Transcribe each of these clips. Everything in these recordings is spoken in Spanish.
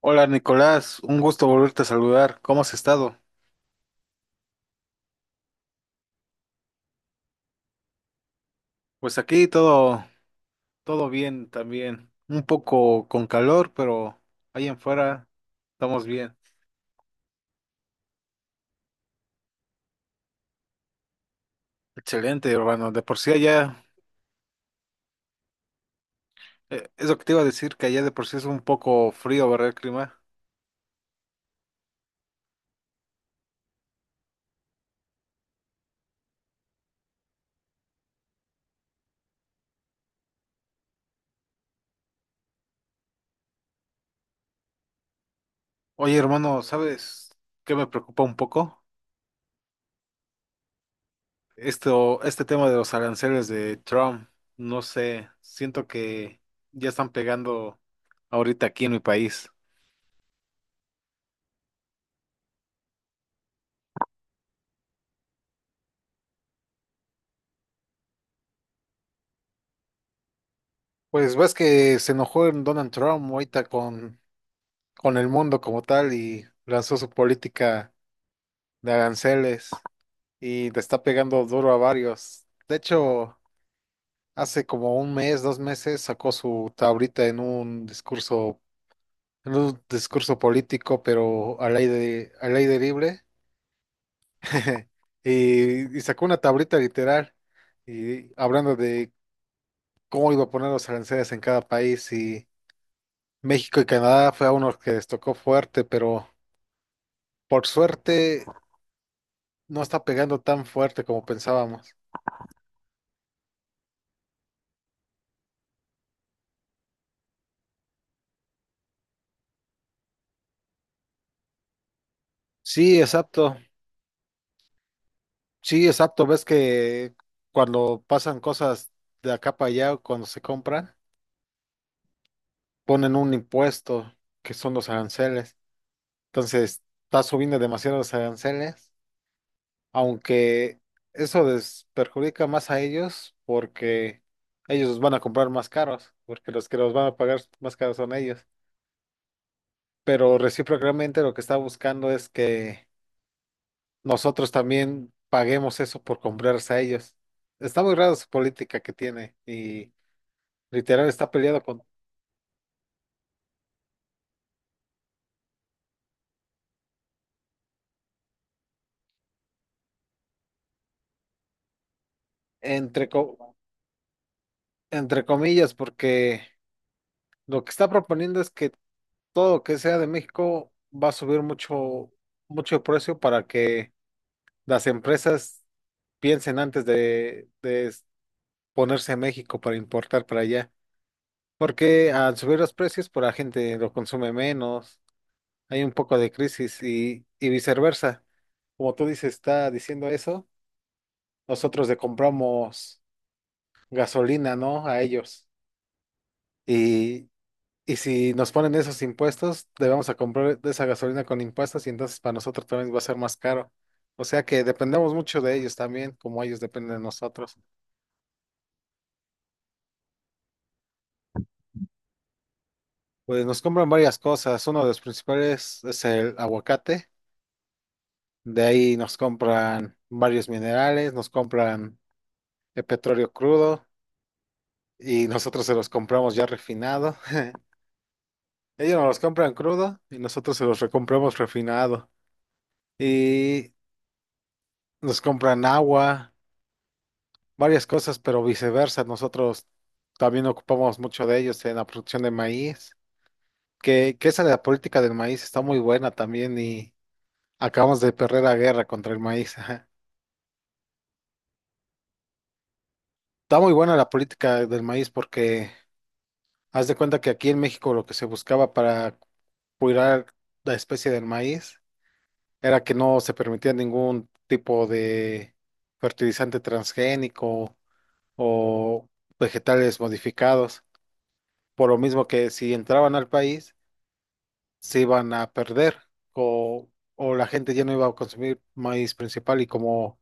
Hola Nicolás, un gusto volverte a saludar. ¿Cómo has estado? Pues aquí todo, todo bien también. Un poco con calor, pero ahí en fuera estamos bien. Excelente, hermano. De por sí allá, es lo que te iba a decir, que allá de por sí es un poco frío, ¿verdad, el clima? Oye, hermano, ¿sabes qué me preocupa un poco? Esto, este tema de los aranceles de Trump. No sé, siento que ya están pegando ahorita aquí en mi país. Pues ves que se enojó en Donald Trump ahorita con el mundo como tal y lanzó su política de aranceles y le está pegando duro a varios. De hecho, hace como un mes, dos meses sacó su tablita en un discurso político, pero al aire libre. Y sacó una tablita literal y hablando de cómo iba a poner los aranceles en cada país. México y Canadá fue a unos que les tocó fuerte, pero por suerte no está pegando tan fuerte como pensábamos. Sí, exacto. Sí, exacto. Ves que cuando pasan cosas de acá para allá, cuando se compran, ponen un impuesto que son los aranceles. Entonces, está subiendo demasiado los aranceles, aunque eso les perjudica más a ellos porque ellos van a comprar más caros, porque los que los van a pagar más caros son ellos. Pero recíprocamente lo que está buscando es que nosotros también paguemos eso por comprarse a ellos. Está muy raro su política que tiene y literal está peleado con, entre, co- entre comillas, porque lo que está proponiendo es que todo lo que sea de México va a subir mucho, mucho el precio para que las empresas piensen antes de ponerse en México para importar para allá. Porque al subir los precios, por la gente lo consume menos hay un poco de crisis y viceversa. Como tú dices, está diciendo eso, nosotros le compramos gasolina, ¿no? A ellos. Y, y si nos ponen esos impuestos, le vamos a comprar de esa gasolina con impuestos y entonces para nosotros también va a ser más caro. O sea que dependemos mucho de ellos también, como ellos dependen de nosotros. Pues nos compran varias cosas. Uno de los principales es el aguacate. De ahí nos compran varios minerales, nos compran el petróleo crudo. Y nosotros se los compramos ya refinado. Ellos nos los compran crudo y nosotros se los recompramos refinado. Y nos compran agua, varias cosas, pero viceversa. Nosotros también ocupamos mucho de ellos en la producción de maíz, que esa de la política del maíz está muy buena también y acabamos de perder la guerra contra el maíz. Ajá. Está muy buena la política del maíz porque haz de cuenta que aquí en México lo que se buscaba para cuidar la especie del maíz era que no se permitía ningún tipo de fertilizante transgénico o vegetales modificados, por lo mismo que si entraban al país se iban a perder o, o la gente ya no iba a consumir maíz principal y como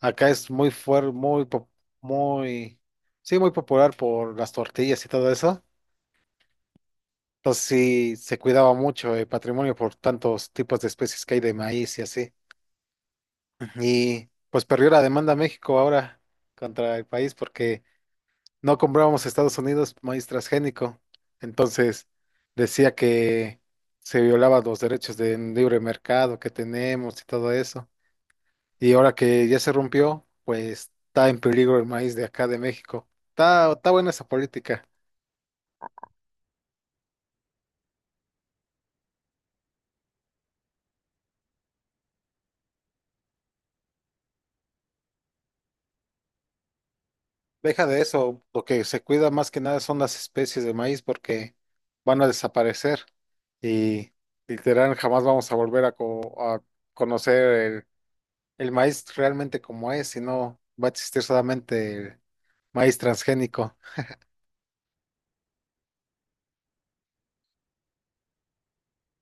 acá es muy fuerte, muy, sí, muy popular por las tortillas y todo eso. Entonces sí se cuidaba mucho el patrimonio por tantos tipos de especies que hay de maíz y así. Y pues perdió la demanda México ahora contra el país porque no comprábamos a Estados Unidos maíz transgénico. Entonces decía que se violaban los derechos de libre mercado que tenemos y todo eso. Y ahora que ya se rompió, pues está en peligro el maíz de acá de México. Está, está buena esa política. Deja de eso, lo que se cuida más que nada son las especies de maíz porque van a desaparecer y literal jamás vamos a volver a conocer el maíz realmente como es, sino va a existir solamente el maíz transgénico.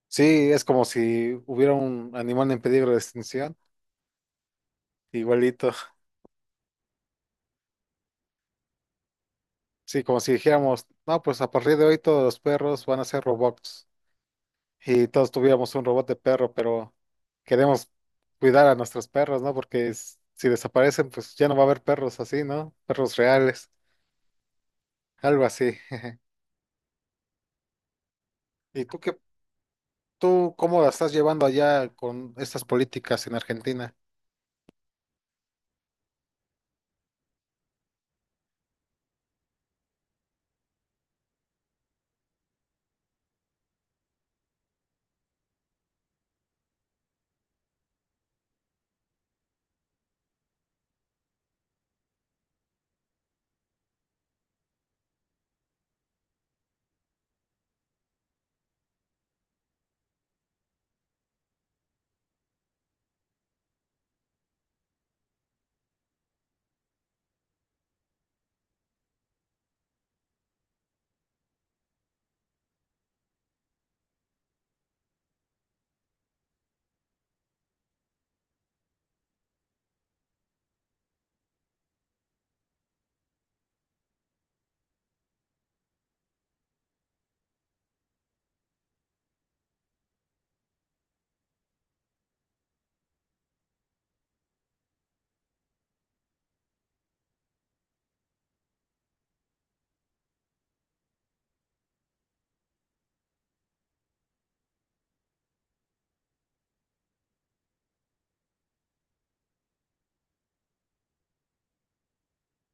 Sí, es como si hubiera un animal en peligro de extinción, igualito. Sí, como si dijéramos, no, pues a partir de hoy todos los perros van a ser robots. Y todos tuviéramos un robot de perro, pero queremos cuidar a nuestros perros, ¿no? Porque es- si desaparecen, pues ya no va a haber perros así, ¿no? Perros reales, algo así. ¿Y tú qué, tú cómo la estás llevando allá con estas políticas en Argentina?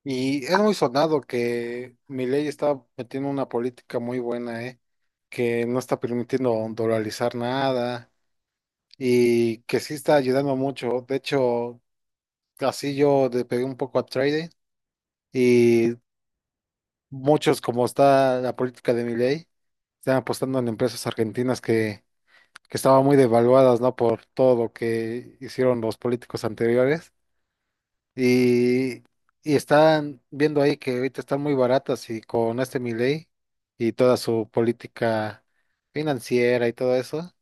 Y es muy sonado que Milei está metiendo una política muy buena, ¿eh? Que no está permitiendo dolarizar nada y que sí está ayudando mucho. De hecho, así yo le pegué un poco a trading. Y muchos, como está la política de Milei, están apostando en empresas argentinas que estaban muy devaluadas, ¿no? Por todo lo que hicieron los políticos anteriores. Y, y están viendo ahí que ahorita están muy baratas y con este Milei y toda su política financiera y todo eso,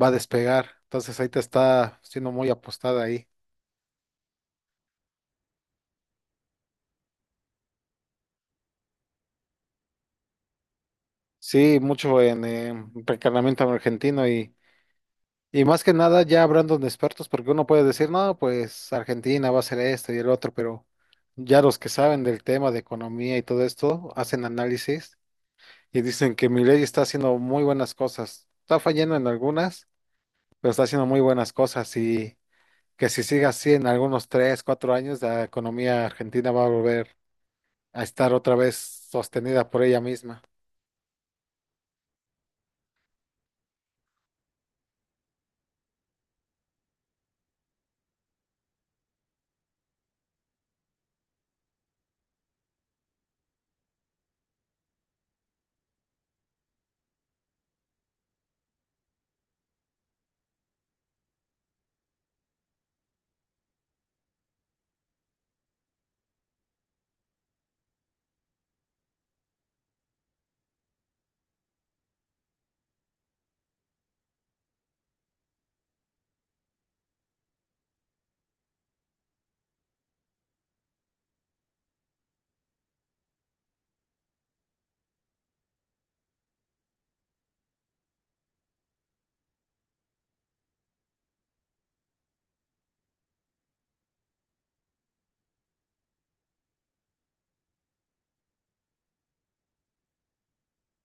va a despegar. Entonces ahorita está siendo muy apostada ahí. Sí, mucho en encarnamiento argentino y más que nada ya hablando de expertos, porque uno puede decir, no, pues Argentina va a hacer esto y el otro, pero ya los que saben del tema de economía y todo esto hacen análisis y dicen que Milei está haciendo muy buenas cosas. Está fallando en algunas, pero está haciendo muy buenas cosas y que si sigue así en algunos tres, cuatro años, la economía argentina va a volver a estar otra vez sostenida por ella misma.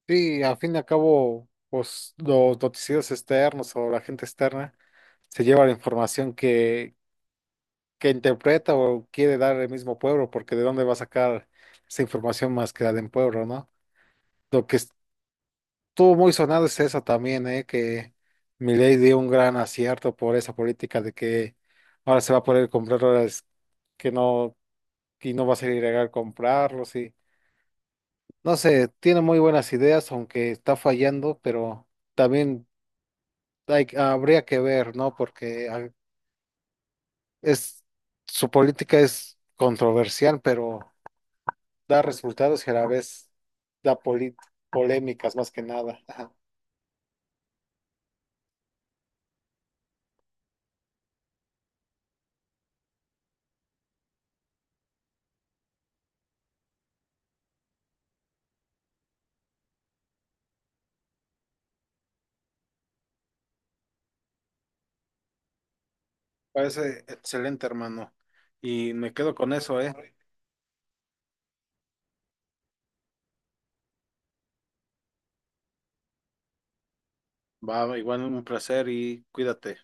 Sí, a fin y al cabo, pues los noticieros externos o la gente externa se lleva la información que interpreta o quiere dar el mismo pueblo, porque de dónde va a sacar esa información más que la de un pueblo, ¿no? Lo que estuvo muy sonado es eso también, ¿eh? Que Milei dio un gran acierto por esa política de que ahora se va a poder comprar dólares que no, y no va a ser ilegal comprarlos y no sé, tiene muy buenas ideas, aunque está fallando, pero también hay, habría que ver, ¿no? Porque es, su política es controversial, pero da resultados y a la vez da polémicas más que nada. Ajá. Parece excelente, hermano. Y me quedo con eso, ¿eh? Va, igual un placer y cuídate.